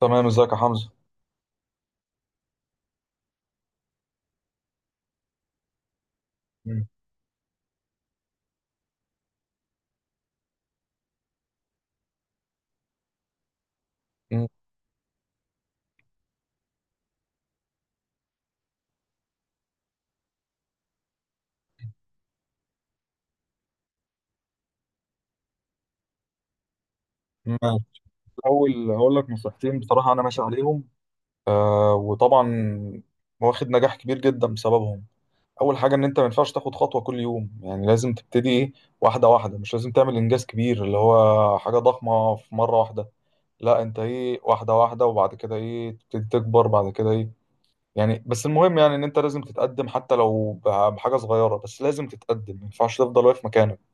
تمام، ازيك يا حمزه؟ مم. مم. ماشي. اول هقول لك نصيحتين. بصراحه انا ماشي عليهم وطبعا واخد نجاح كبير جدا بسببهم. اول حاجه ان انت ما ينفعش تاخد خطوه كل يوم، يعني لازم تبتدي ايه، واحده واحده، مش لازم تعمل انجاز كبير اللي هو حاجه ضخمه في مره واحده. لا، انت ايه، واحده واحده وبعد كده ايه تبتدي تكبر بعد كده ايه. يعني بس المهم، يعني ان انت لازم تتقدم حتى لو بحاجه صغيره، بس لازم تتقدم، ما ينفعش تفضل واقف مكانك.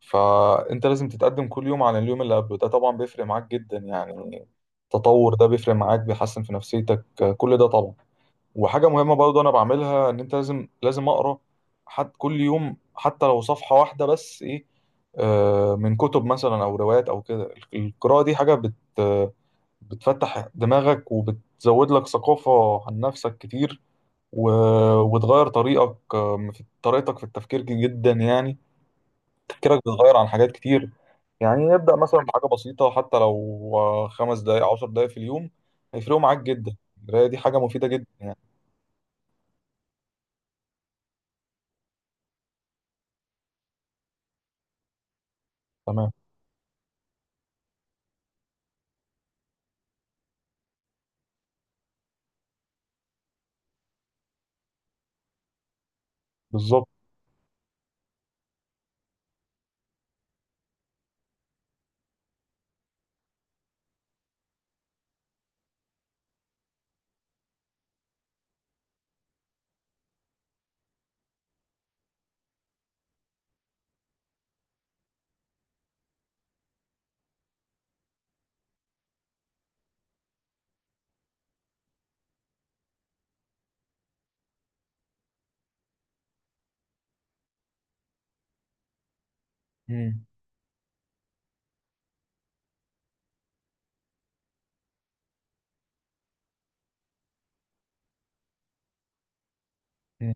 فانت لازم تتقدم كل يوم عن اليوم اللي قبله. ده طبعا بيفرق معاك جدا يعني. التطور ده بيفرق معاك، بيحسن في نفسيتك، كل ده طبعا. وحاجة مهمة برضه انا بعملها، ان انت لازم لازم اقرا حد كل يوم حتى لو صفحة واحدة بس ايه، من كتب مثلا او روايات او كده. القراءة دي حاجة بت آه، بتفتح دماغك وبتزود لك ثقافة عن نفسك كتير، وتغير طريقك آه، في طريقتك في التفكير جدا يعني. تفكيرك بيتغير عن حاجات كتير. يعني نبدأ مثلا بحاجة بسيطة، حتى لو 5 دقايق 10 دقايق في اليوم، هيفرقوا معاك جدا. القراية دي حاجة مفيدة جدا يعني. تمام. بالظبط. مم. مم.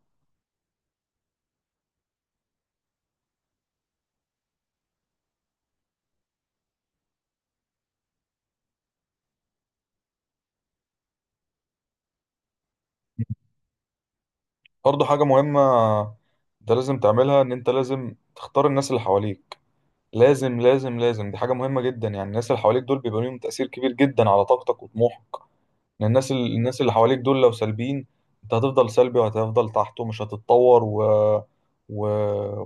برضه حاجة مهمة انت لازم تعملها، ان انت لازم تختار الناس اللي حواليك. لازم لازم لازم، دي حاجة مهمة جدا يعني. الناس اللي حواليك دول بيبقى ليهم تأثير كبير جدا على طاقتك وطموحك. يعني الناس اللي حواليك دول لو سلبيين، انت هتفضل سلبي وهتفضل تحت ومش هتتطور، و...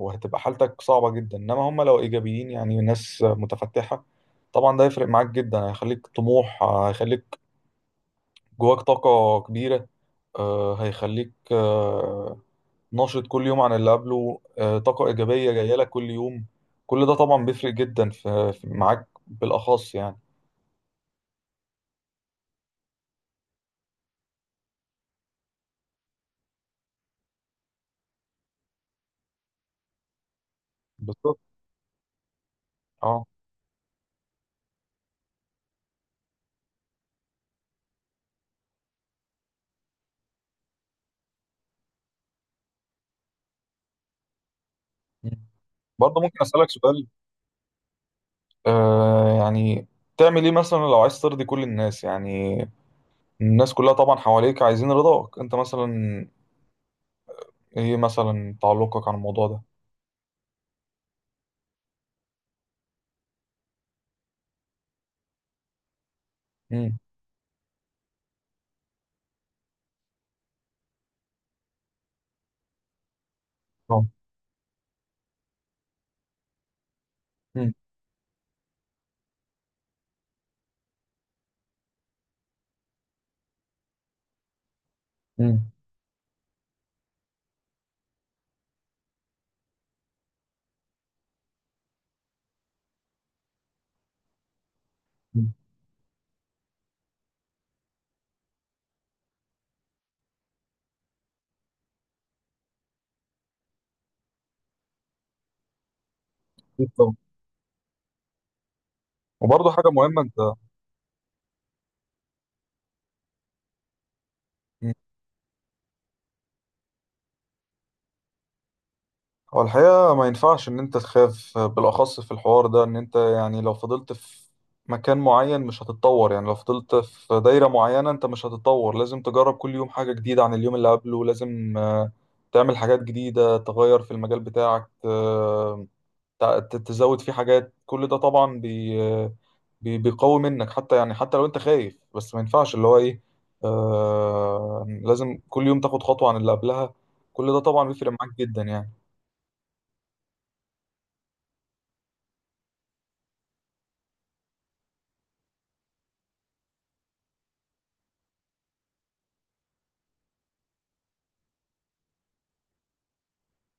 وهتبقى حالتك صعبة جدا. انما هم لو ايجابيين، يعني ناس متفتحة، طبعا ده هيفرق معاك جدا، هيخليك طموح، هيخليك جواك طاقة كبيرة، هيخليك ناشط كل يوم عن اللي قبله، طاقة إيجابية جاية لك كل يوم. كل ده طبعا بيفرق جدا معاك بالأخص يعني. بالظبط. اه. برضه ممكن أسألك سؤال؟ يعني تعمل ايه مثلا لو عايز ترضي كل الناس؟ يعني الناس كلها طبعا حواليك عايزين رضاك انت مثلا، ايه مثلا تعلقك عن الموضوع ده؟ امم. طبعا. امم. امم. أكيد طبعا. وبرضه حاجة مهمة انت، هو الحقيقة ما ينفعش إن أنت تخاف. بالأخص في الحوار ده، إن أنت يعني لو فضلت في مكان معين مش هتتطور. يعني لو فضلت في دايرة معينة أنت مش هتتطور. لازم تجرب كل يوم حاجة جديدة عن اليوم اللي قبله. لازم تعمل حاجات جديدة، تغير في المجال بتاعك، تزود فيه حاجات. كل ده طبعا بيقوي منك، حتى يعني حتى لو أنت خايف، بس ما ينفعش اللي هو إيه، لازم كل يوم تاخد خطوة عن اللي قبلها. كل ده طبعا بيفرق معاك جدا يعني.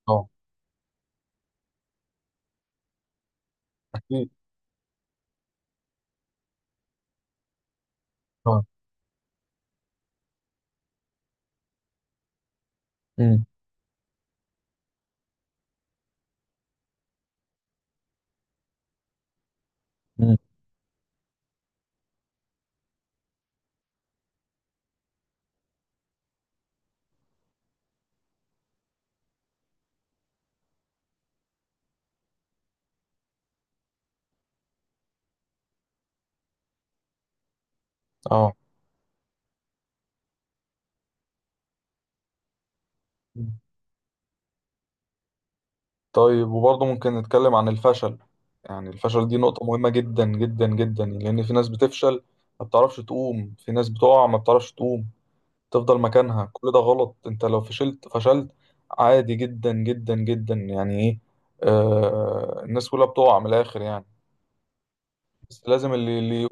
اه. اه. امم. امم. اه. مم. طيب، وبرضه ممكن نتكلم عن الفشل؟ يعني الفشل دي نقطة مهمة جدا جدا جدا، لأن في ناس بتفشل ما بتعرفش تقوم، في ناس بتقع ما بتعرفش تقوم، تفضل مكانها، كل ده غلط. انت لو فشلت فشلت، عادي جدا جدا جدا يعني ايه. الناس كلها بتقع من الآخر يعني. بس لازم اللي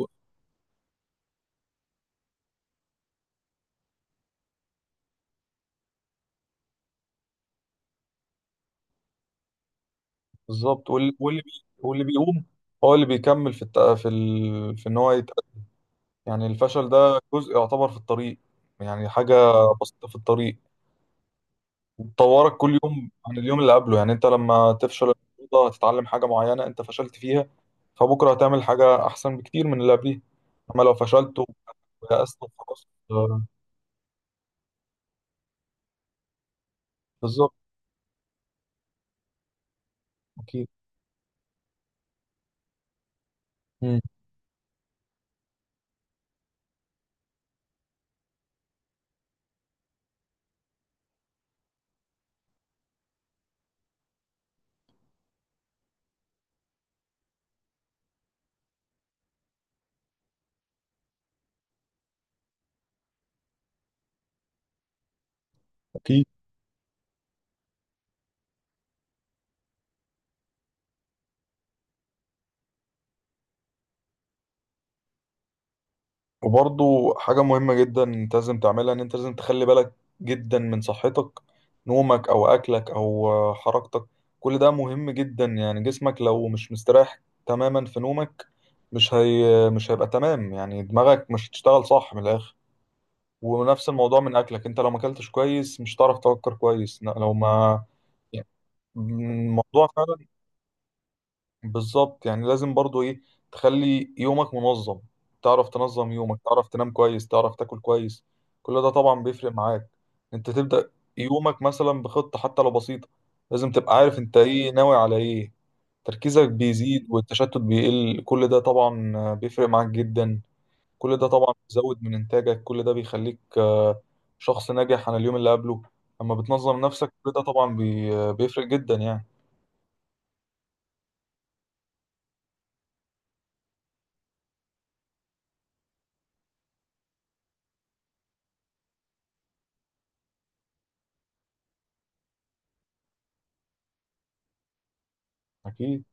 بالظبط واللي بيقوم هو اللي بيكمل في الت... في ال... في ان هو، يعني الفشل ده جزء يعتبر في الطريق، يعني حاجة بسيطة في الطريق. وتطورك كل يوم عن اليوم اللي قبله، يعني انت لما تفشل النهارده هتتعلم حاجة معينة انت فشلت فيها، فبكرة هتعمل حاجة أحسن بكتير من اللي قبليه. أما لو فشلت ويأست وخلاص، بالظبط. أكيد. مم. أكيد. وبرضو حاجة مهمة جدا انت لازم تعملها، ان انت لازم تخلي بالك جدا من صحتك، نومك او اكلك او حركتك. كل ده مهم جدا، يعني جسمك لو مش مستريح تماما في نومك، مش هيبقى تمام، يعني دماغك مش هتشتغل صح من الاخر. ونفس الموضوع من اكلك، انت لو ما اكلتش كويس مش هتعرف تفكر كويس. لا، لو ما يعني الموضوع فعلا، بالظبط، يعني لازم برضو ايه تخلي يومك منظم. تعرف تنظم يومك، تعرف تنام كويس، تعرف تاكل كويس، كل ده طبعا بيفرق معاك. انت تبدأ يومك مثلا بخطة حتى لو بسيطة، لازم تبقى عارف انت ايه، ناوي على ايه. تركيزك بيزيد والتشتت بيقل، كل ده طبعا بيفرق معاك جدا، كل ده طبعا بيزود من انتاجك، كل ده بيخليك شخص ناجح عن اليوم اللي قبله. اما بتنظم نفسك كل ده طبعا بيفرق جدا يعني. اكيد.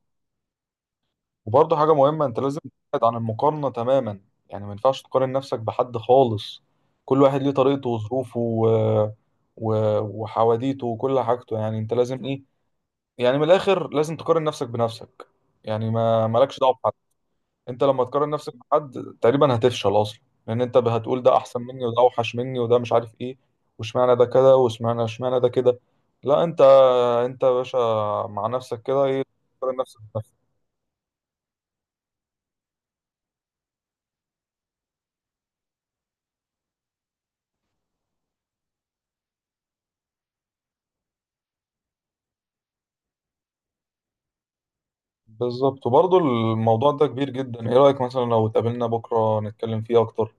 وبرضه حاجة مهمة انت لازم تبعد عن المقارنة تماما. يعني ما ينفعش تقارن نفسك بحد خالص. كل واحد ليه طريقته وظروفه و... وحواديته وكل حاجته. يعني انت لازم ايه، يعني من الاخر لازم تقارن نفسك بنفسك، يعني ما مالكش دعوة بحد. انت لما تقارن نفسك بحد تقريبا هتفشل اصلا، لان انت هتقول ده احسن مني وده اوحش مني وده مش عارف ايه، واشمعنى ده كده، واشمعنى ده كده. لا، انت يا باشا، مع نفسك كده ايه، تقارن نفسك بنفسك. بالظبط. وبرضه الموضوع ده كبير جدا، ايه رأيك مثلا لو اتقابلنا بكرة نتكلم فيه اكتر؟